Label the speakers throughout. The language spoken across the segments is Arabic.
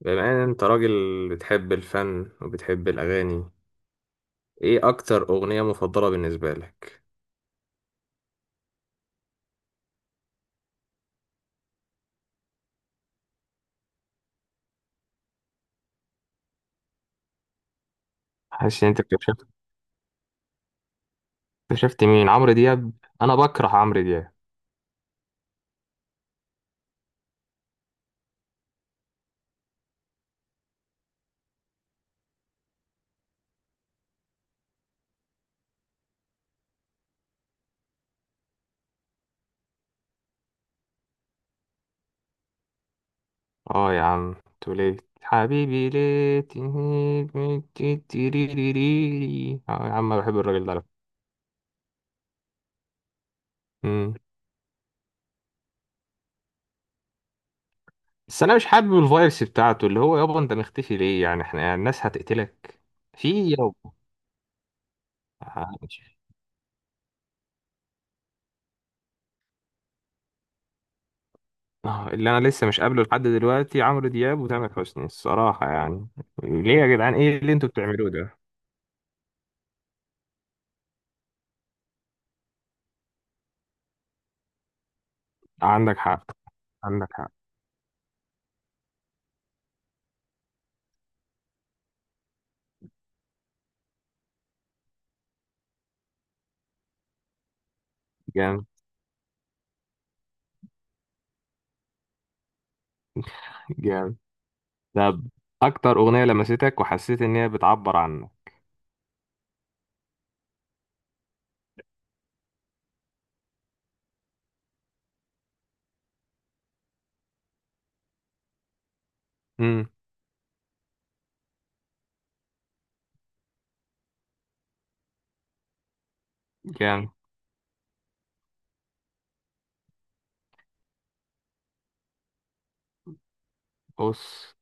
Speaker 1: بما ان انت راجل بتحب الفن وبتحب الاغاني، ايه اكتر اغنية مفضلة بالنسبة لك؟ حاسس ان انت اكتشفت مين؟ عمرو دياب؟ انا بكره عمرو دياب. اه يا عم توليت حبيبي ليه تهيج من تيتيريريري. اه يا عم انا بحب الراجل ده على فكرة. مم. بس انا مش حابب الفايبس بتاعته اللي هو يابا انت مختفي ليه، يعني احنا الناس هتقتلك. في يابا. اللي انا لسه مش قابله لحد دلوقتي عمرو دياب وتامر حسني الصراحه يعني. ليه يا جدعان؟ ايه اللي انتوا بتعملوه ده؟ عندك حق، عندك حق. جامد. جامد. طب، اكتر اغنيه لمستك وحسيت ان هي بتعبر عنك؟ امم. جامد. بص،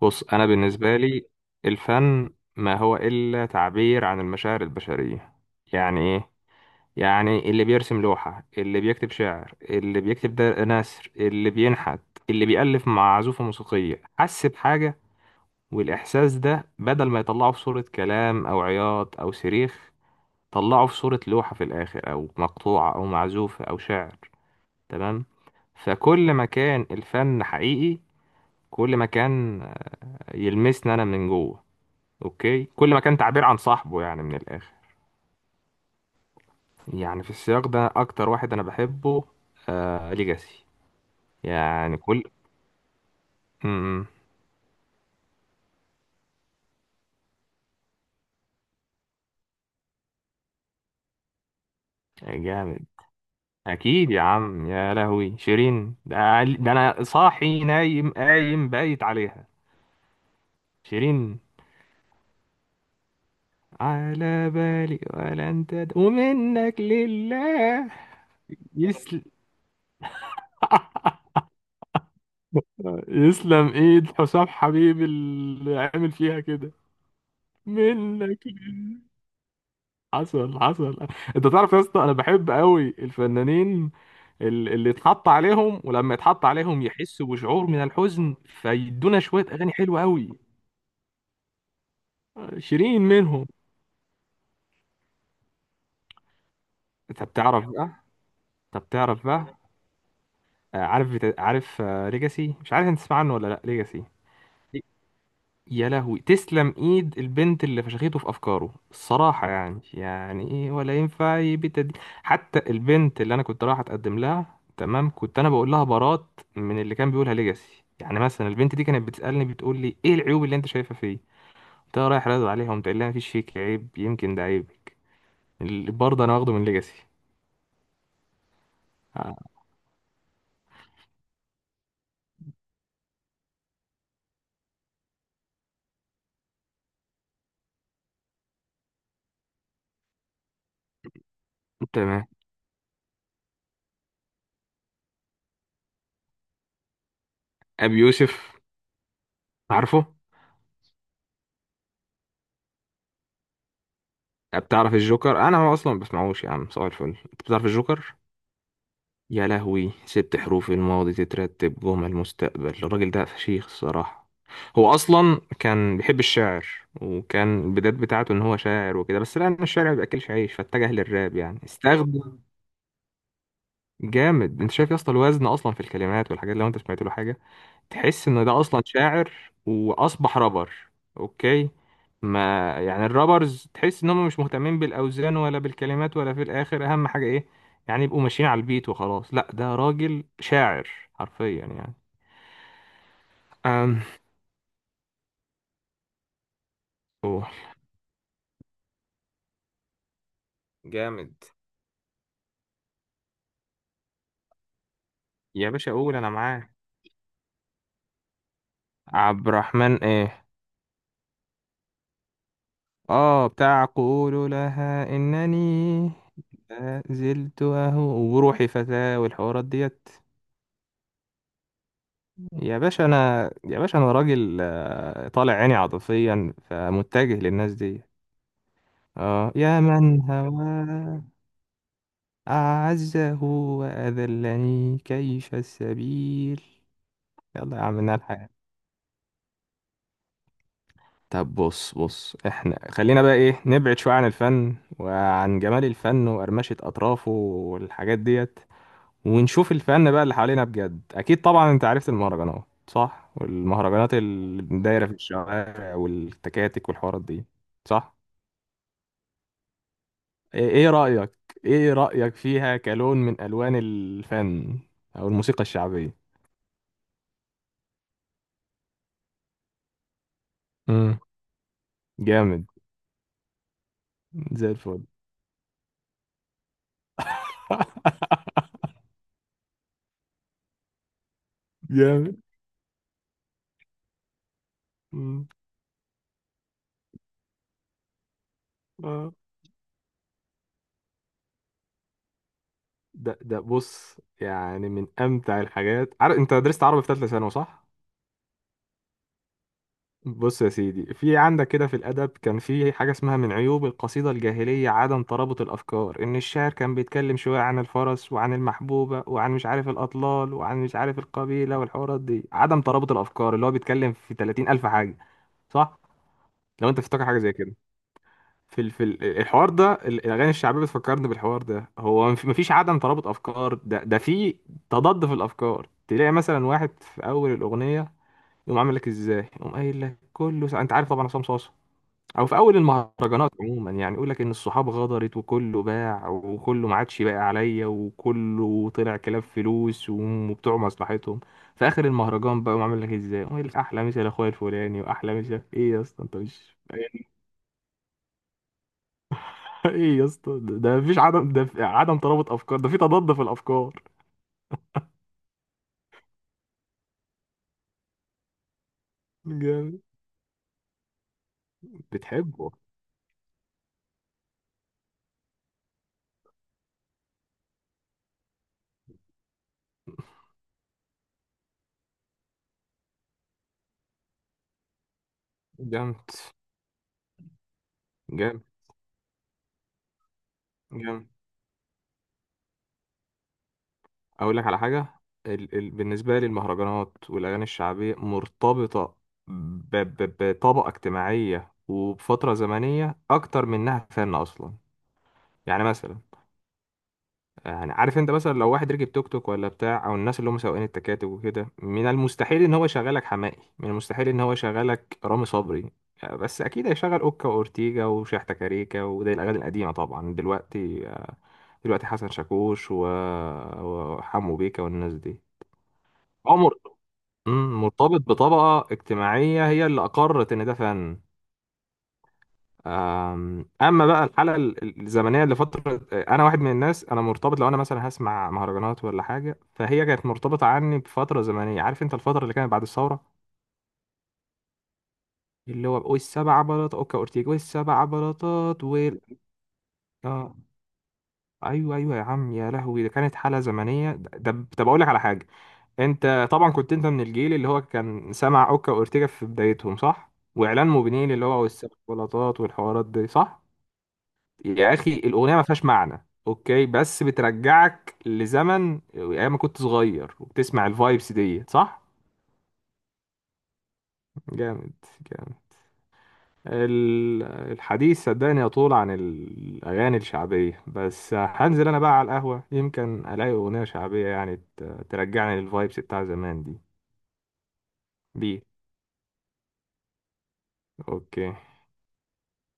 Speaker 1: بص انا بالنسبه لي الفن ما هو الا تعبير عن المشاعر البشريه. يعني ايه؟ يعني اللي بيرسم لوحة، اللي بيكتب شعر، اللي بيكتب ده نثر، اللي بينحت، اللي بيألف مع عزوفة موسيقية، حس بحاجة، والإحساس ده بدل ما يطلعه في صورة كلام أو عياط أو صريخ، طلعه في صورة لوحة في الآخر أو مقطوعة أو معزوفة أو شعر. تمام. فكل ما كان الفن حقيقي، كل ما كان يلمسني أنا من جوه. أوكي، كل ما كان تعبير عن صاحبه، يعني من الآخر. يعني في السياق ده أكتر واحد أنا بحبه آه ليجاسي. يعني كل امم جامد. اكيد يا عم، يا لهوي شيرين ده, ده انا صاحي نايم قايم بايت عليها. شيرين. على بالي ولا انت ومنك لله. يسلم. يسلم ايد حسام حبيبي اللي عامل فيها كده. منك لله. حصل حصل. انت تعرف يا اسطى انا بحب قوي الفنانين، اللي اتحط عليهم ولما يتحط عليهم يحسوا بشعور من الحزن فيدونا شوية أغاني حلوة أوي. شيرين منهم. أنت بتعرف بقى، أنت بتعرف بقى. عارف عارف ليجاسي؟ مش عارف أنت تسمع عنه ولا لأ ليجاسي؟ يا لهوي، تسلم ايد البنت اللي فشخته في افكاره الصراحه، يعني ايه؟ ولا ينفع يبت دي. حتى البنت اللي انا كنت رايح اتقدم لها تمام كنت انا بقول لها برات من اللي كان بيقولها ليجاسي. يعني مثلا البنت دي كانت بتسالني بتقول لي ايه العيوب اللي انت شايفها فيه؟ انت رايح رادو عليها ومتقول لها مفيش فيك عيب، يمكن ده عيب. اللي برضه انا واخده من ليجاسي. آه. تمام. ابي يوسف؟ عارفه. بتعرف الجوكر؟ انا ما اصلا ما بسمعوش يا عم، صباح الفل، انت بتعرف الجوكر؟ يا لهوي، ست حروف الماضي تترتب جمل المستقبل، الراجل ده فشيخ الصراحه. هو اصلا كان بيحب الشعر، وكان البدايات بتاعته ان هو شاعر وكده، بس لان الشعر ما بياكلش عيش فاتجه للراب، يعني استخدم. جامد. انت شايف يا اسطى الوزن اصلا في الكلمات والحاجات، لو انت سمعت له حاجه تحس ان ده اصلا شاعر واصبح رابر. اوكي، ما يعني الرابرز تحس ان هم مش مهتمين بالاوزان ولا بالكلمات ولا في الاخر اهم حاجه ايه، يعني يبقوا ماشيين على البيت وخلاص. لا، ده راجل شاعر حرفيا يعني. أم. أوه. جامد. يا باشا قول انا معاك. عبد الرحمن ايه؟ اه، بتاع قول لها انني لا زلت اهو وروحي فتاة والحوارات ديت. يا باشا انا، يا باشا انا راجل، طالع عيني عاطفيا فمتجه للناس دي. اه يا من هواه اعزه واذلني كيف السبيل. يلا يا عم نار الحياة. طب بص، بص احنا خلينا بقى ايه، نبعد شوية عن الفن وعن جمال الفن وقرمشة اطرافه والحاجات ديت، ونشوف الفن بقى اللي حوالينا بجد. اكيد طبعا انت عرفت المهرجانات صح، والمهرجانات اللي دايره في الشوارع والتكاتك والحوارات دي صح؟ ايه، إيه رايك؟ ايه رايك فيها كلون من الوان الفن او الموسيقى الشعبيه؟ امم. جامد. زي الفل. جامد. مم. آه. ده بص، يعني من امتع الحاجات، عارف انت درست عربي في ثالثه ثانوي صح؟ بص يا سيدي في عندك كده، في الأدب كان في حاجة اسمها من عيوب القصيدة الجاهلية عدم ترابط الأفكار، إن الشاعر كان بيتكلم شوية عن الفرس وعن المحبوبة وعن مش عارف الأطلال وعن مش عارف القبيلة والحوارات دي، عدم ترابط الأفكار اللي هو بيتكلم في 30 ألف حاجة صح؟ لو أنت تفتكر حاجة زي كده الحوار ده، الأغاني الشعبية بتفكرني بالحوار ده، هو مفيش عدم ترابط أفكار، ده في تضاد في الأفكار، تلاقي مثلا واحد في أول الأغنية يقوم عامل لك إزاي؟ يقوم قايل لك كله أنت عارف طبعا عصام صاصا، او في اول المهرجانات عموما يعني يقول لك ان الصحاب غدرت وكله باع وكله ما عادش باقي عليا وكله طلع كلاب فلوس وبتوع مصلحتهم. في اخر المهرجان بقى عامل لك ازاي، ويقول لك احلى مسا لاخويا الفلاني واحلى مسا، ايه يا اسطى انت مش ايه يا اسطى، ده مفيش عدم، ده في عدم ترابط افكار، ده في تضاد في الافكار. جامد. بتحبه. جامد. جامد. جامد. اقول لك على حاجه، بالنسبه لي المهرجانات والاغاني الشعبيه مرتبطه بطبقه اجتماعيه وبفتره زمنيه اكتر من انها فن اصلا. يعني مثلا، يعني عارف انت مثلا لو واحد ركب توك توك ولا بتاع او الناس اللي هم سواقين التكاتك وكده، من المستحيل ان هو يشغلك حماقي، من المستحيل ان هو يشغلك رامي صبري، بس اكيد هيشغل اوكا واورتيجا وشحتة كاريكا، وده الاغاني القديمه طبعا. دلوقتي، دلوقتي حسن شاكوش وحمو بيكا والناس دي. عمر. مم، مرتبط بطبقة اجتماعية هي اللي أقرت إن ده فن. أما بقى الحالة الزمنية لفترة، أنا واحد من الناس أنا مرتبط، لو أنا مثلا هسمع مهرجانات ولا حاجة فهي كانت مرتبطة عني بفترة زمنية، عارف أنت الفترة اللي كانت بعد الثورة اللي هو والسبع بلاطات أوكا أورتيجا والسبع بلاطات وال آه أيوه أيوه يا عم، يا لهوي، ده كانت حالة زمنية، طب أقول لك على حاجة. انت طبعا كنت انت من الجيل اللي هو كان سمع اوكا واورتيجا في بدايتهم صح، واعلان موبينيل اللي هو والسيكولاتات والحوارات دي صح؟ يا اخي الاغنيه ما فيهاش معنى اوكي، بس بترجعك لزمن ايام ما كنت صغير وبتسمع الفايبس دي صح؟ جامد. جامد. ال- الحديث صدقني يطول عن الاغاني الشعبيه، بس هنزل انا بقى على القهوه يمكن الاقي اغنيه شعبيه يعني ترجعني للفايبس بتاع زمان دي. بيه. اوكي.